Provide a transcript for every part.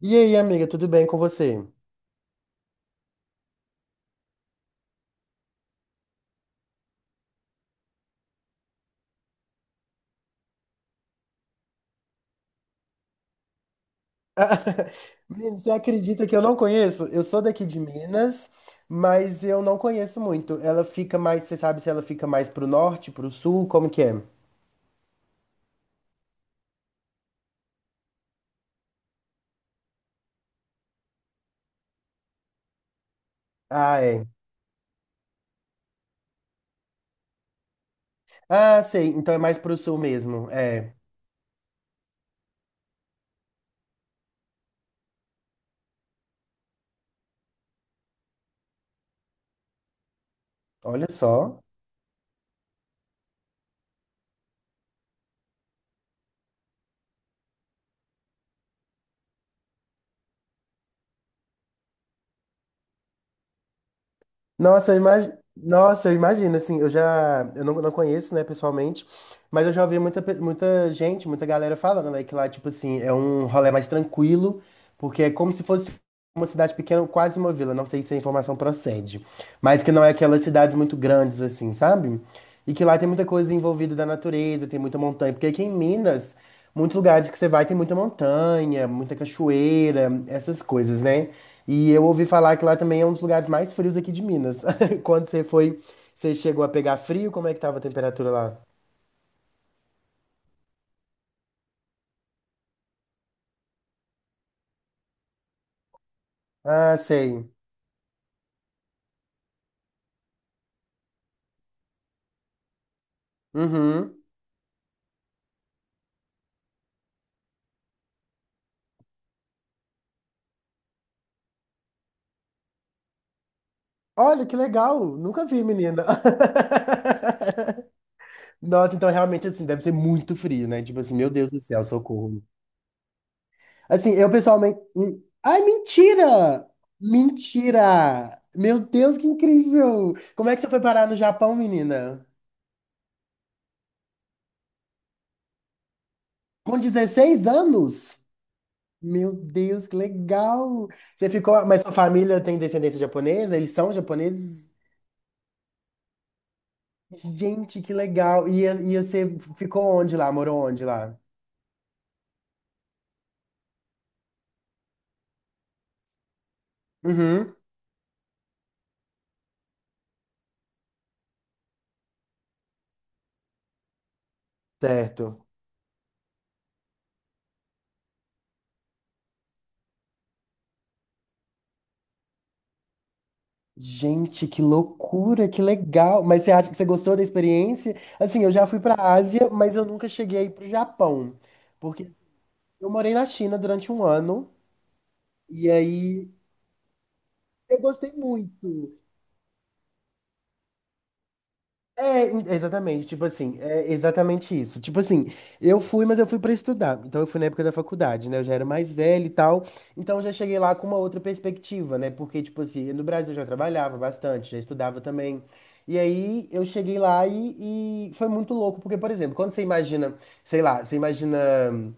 E aí, amiga, tudo bem com você? Menino, você acredita que eu não conheço? Eu sou daqui de Minas, mas eu não conheço muito. Ela fica mais, você sabe se ela fica mais pro norte, pro sul, como que é? Ah, é. Ah, sei, então é mais pro sul mesmo. É. Olha só. Nossa, eu imagino, assim, eu já, eu não conheço, né, pessoalmente, mas eu já ouvi muita gente, muita galera falando, né, que lá, tipo assim, é um rolê mais tranquilo, porque é como se fosse uma cidade pequena, quase uma vila, não sei se a informação procede, mas que não é aquelas cidades muito grandes, assim, sabe? E que lá tem muita coisa envolvida da natureza, tem muita montanha, porque aqui em Minas, muitos lugares que você vai tem muita montanha, muita cachoeira, essas coisas, né? E eu ouvi falar que lá também é um dos lugares mais frios aqui de Minas. Quando você foi, você chegou a pegar frio? Como é que tava a temperatura lá? Ah, sei. Uhum. Olha, que legal! Nunca vi, menina. Nossa, então realmente assim, deve ser muito frio, né? Tipo assim, meu Deus do céu, socorro. Assim, eu pessoalmente. Ai, mentira! Mentira! Meu Deus, que incrível! Como é que você foi parar no Japão, menina? Com 16 anos? Meu Deus, que legal! Você ficou. Mas sua família tem descendência japonesa? Eles são japoneses? Gente, que legal! E você ficou onde lá? Morou onde lá? Uhum, certo. Gente, que loucura, que legal. Mas você acha que você gostou da experiência? Assim, eu já fui para a Ásia, mas eu nunca cheguei para o Japão, porque eu morei na China durante um ano e aí eu gostei muito. É, exatamente, tipo assim, é exatamente isso. Tipo assim, eu fui, mas eu fui para estudar. Então eu fui na época da faculdade, né? Eu já era mais velho e tal. Então já cheguei lá com uma outra perspectiva, né? Porque, tipo assim, no Brasil eu já trabalhava bastante, já estudava também. E aí eu cheguei lá e foi muito louco, porque, por exemplo, quando você imagina, sei lá, você imagina hum,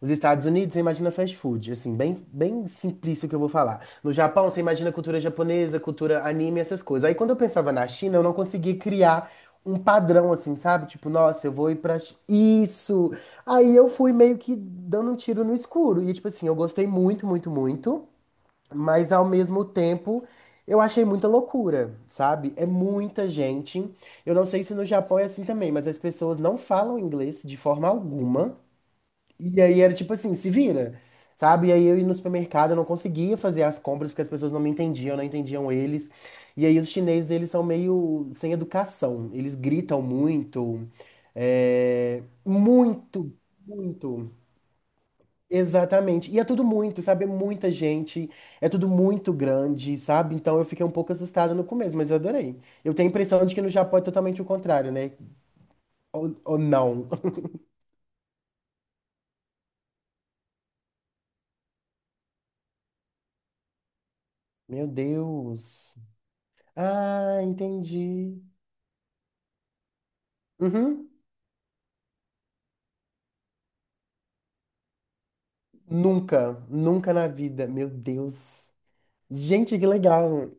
os Estados Unidos, você imagina fast food, assim, bem, bem simplista o que eu vou falar. No Japão, você imagina cultura japonesa, cultura anime, essas coisas. Aí quando eu pensava na China, eu não conseguia criar um padrão, assim, sabe? Tipo, nossa, eu vou ir pra isso. Aí eu fui meio que dando um tiro no escuro. E, tipo assim, eu gostei muito, muito, muito. Mas ao mesmo tempo, eu achei muita loucura, sabe? É muita gente. Eu não sei se no Japão é assim também, mas as pessoas não falam inglês de forma alguma. E aí era tipo assim, se vira, sabe? E aí eu ia no supermercado, eu não conseguia fazer as compras porque as pessoas não me entendiam, não entendiam eles. E aí os chineses, eles são meio sem educação. Eles gritam muito, é, muito, muito. Exatamente. E é tudo muito, sabe? É muita gente, é tudo muito grande, sabe? Então eu fiquei um pouco assustada no começo, mas eu adorei. Eu tenho a impressão de que no Japão é totalmente o contrário, né? Ou não. Meu Deus. Ah, entendi. Uhum. Nunca, nunca na vida. Meu Deus. Gente, que legal.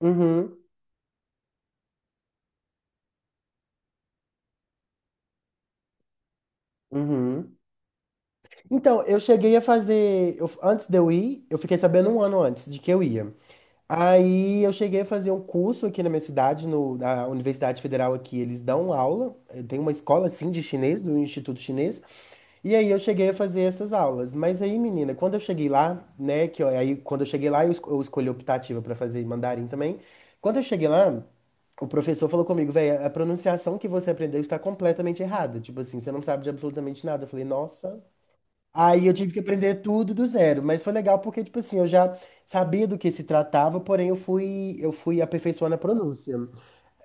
Uhum, uhum. Então, eu cheguei a fazer. Antes de eu ir, eu fiquei sabendo um ano antes de que eu ia. Aí eu cheguei a fazer um curso aqui na minha cidade, no, na Universidade Federal aqui, eles dão aula, tem uma escola assim de chinês, do Instituto Chinês, e aí eu cheguei a fazer essas aulas. Mas aí, menina, quando eu cheguei lá, né, aí quando eu cheguei lá, eu escolhi optativa para fazer mandarim também. Quando eu cheguei lá, o professor falou comigo, velho, a pronunciação que você aprendeu está completamente errada. Tipo assim, você não sabe de absolutamente nada. Eu falei, nossa. Aí eu tive que aprender tudo do zero, mas foi legal porque, tipo assim, eu já sabia do que se tratava, porém eu fui aperfeiçoando a pronúncia.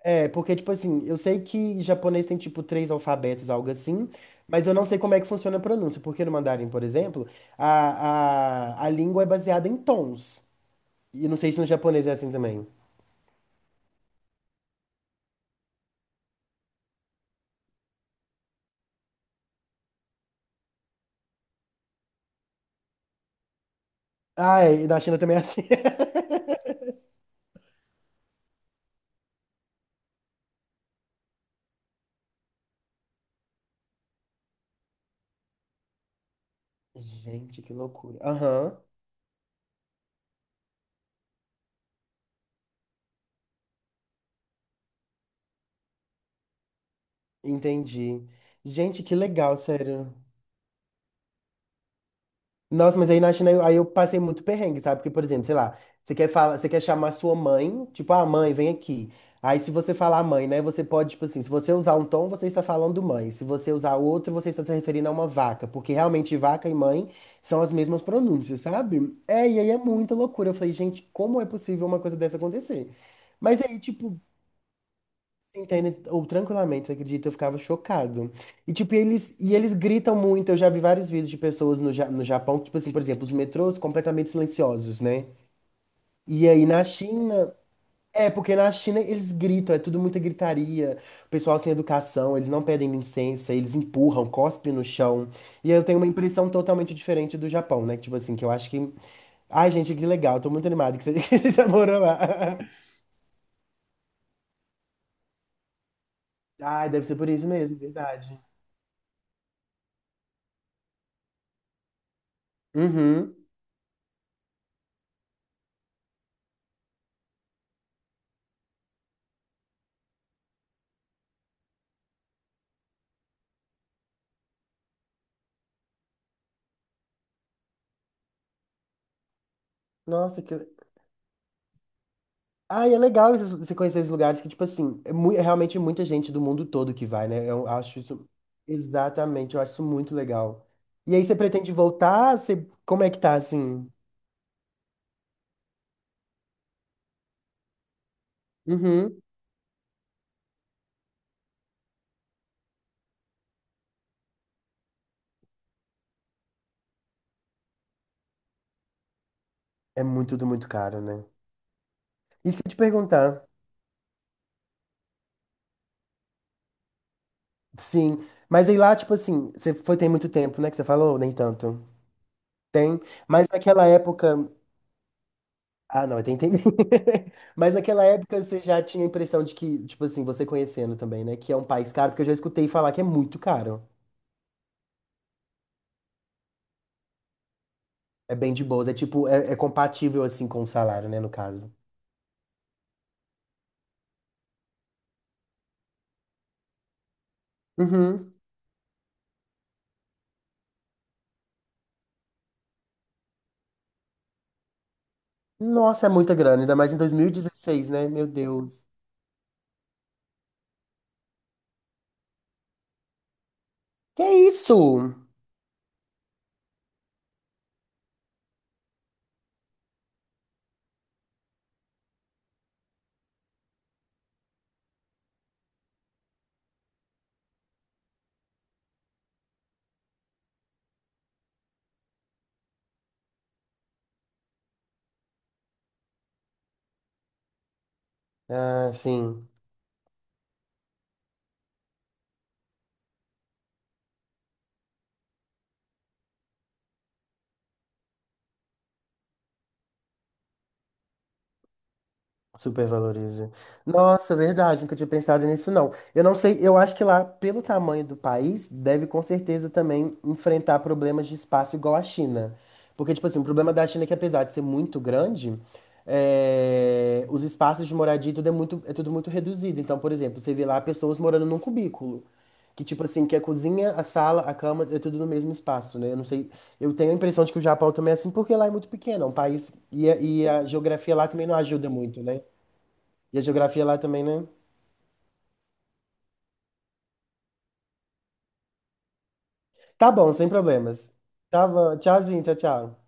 É, porque, tipo assim, eu sei que japonês tem, tipo, três alfabetos, algo assim, mas eu não sei como é que funciona a pronúncia, porque no mandarim, por exemplo, a língua é baseada em tons. E não sei se no japonês é assim também. Ah, é, e na China também é assim. Gente, que loucura. Aham, entendi. Gente, que legal, sério. Nossa, mas aí na China aí eu passei muito perrengue, sabe? Porque, por exemplo, sei lá, você quer falar, você quer chamar sua mãe, tipo, ah, mãe, vem aqui. Aí se você falar mãe, né, você pode, tipo assim, se você usar um tom, você está falando mãe. Se você usar outro, você está se referindo a uma vaca, porque realmente vaca e mãe são as mesmas pronúncias, sabe? É, e aí é muita loucura. Eu falei, gente, como é possível uma coisa dessa acontecer? Mas aí, tipo, entende? Ou tranquilamente, você acredita? Eu ficava chocado. E tipo, eles, e eles gritam muito. Eu já vi vários vídeos de pessoas no Japão, tipo assim, por exemplo, os metrôs completamente silenciosos, né? E aí na China, é, porque na China eles gritam, é tudo muita gritaria, o pessoal sem educação, eles não pedem licença, eles empurram, cospem no chão. E aí eu tenho uma impressão totalmente diferente do Japão, né? Tipo assim, que eu acho que. Ai, gente, que legal, tô muito animado que você, que você morou lá. Ai, deve ser por isso mesmo, verdade. Uhum. Nossa, que. Ah, é legal você conhecer esses lugares que, tipo assim, é, é realmente muita gente do mundo todo que vai, né? Eu acho isso. Exatamente, eu acho isso muito legal. E aí, você pretende voltar? Você... Como é que tá, assim? Uhum. É muito, tudo muito caro, né? Isso que eu ia te perguntar. Sim. Mas aí lá, tipo assim, você foi tem muito tempo, né? Que você falou, nem tanto. Tem. Mas naquela época. Ah, não, tem tempo. Mas naquela época você já tinha a impressão de que, tipo assim, você conhecendo também, né? Que é um país caro, porque eu já escutei falar que é muito caro. É bem de boas. É tipo, é, é compatível assim com o salário, né, no caso. Uhum. Nossa, é muita grana, ainda mais em 2016, né? Meu Deus. Que isso? Ah, sim. Supervaloriza. Nossa, verdade, nunca tinha pensado nisso, não. Eu não sei, eu acho que lá, pelo tamanho do país, deve com certeza também enfrentar problemas de espaço igual a China. Porque, tipo assim, o problema da China é que apesar de ser muito grande, é, os espaços de moradia e tudo é muito, é tudo muito reduzido. Então, por exemplo, você vê lá pessoas morando num cubículo. Que, tipo assim, que a cozinha, a sala, a cama, é tudo no mesmo espaço, né? Eu não sei, eu tenho a impressão de que o Japão também é assim, porque lá é muito pequeno, é um país, e a geografia lá também não ajuda muito, né? E a geografia lá também, né? Tá bom, sem problemas. Tava. Tchauzinho, tchau, tchau.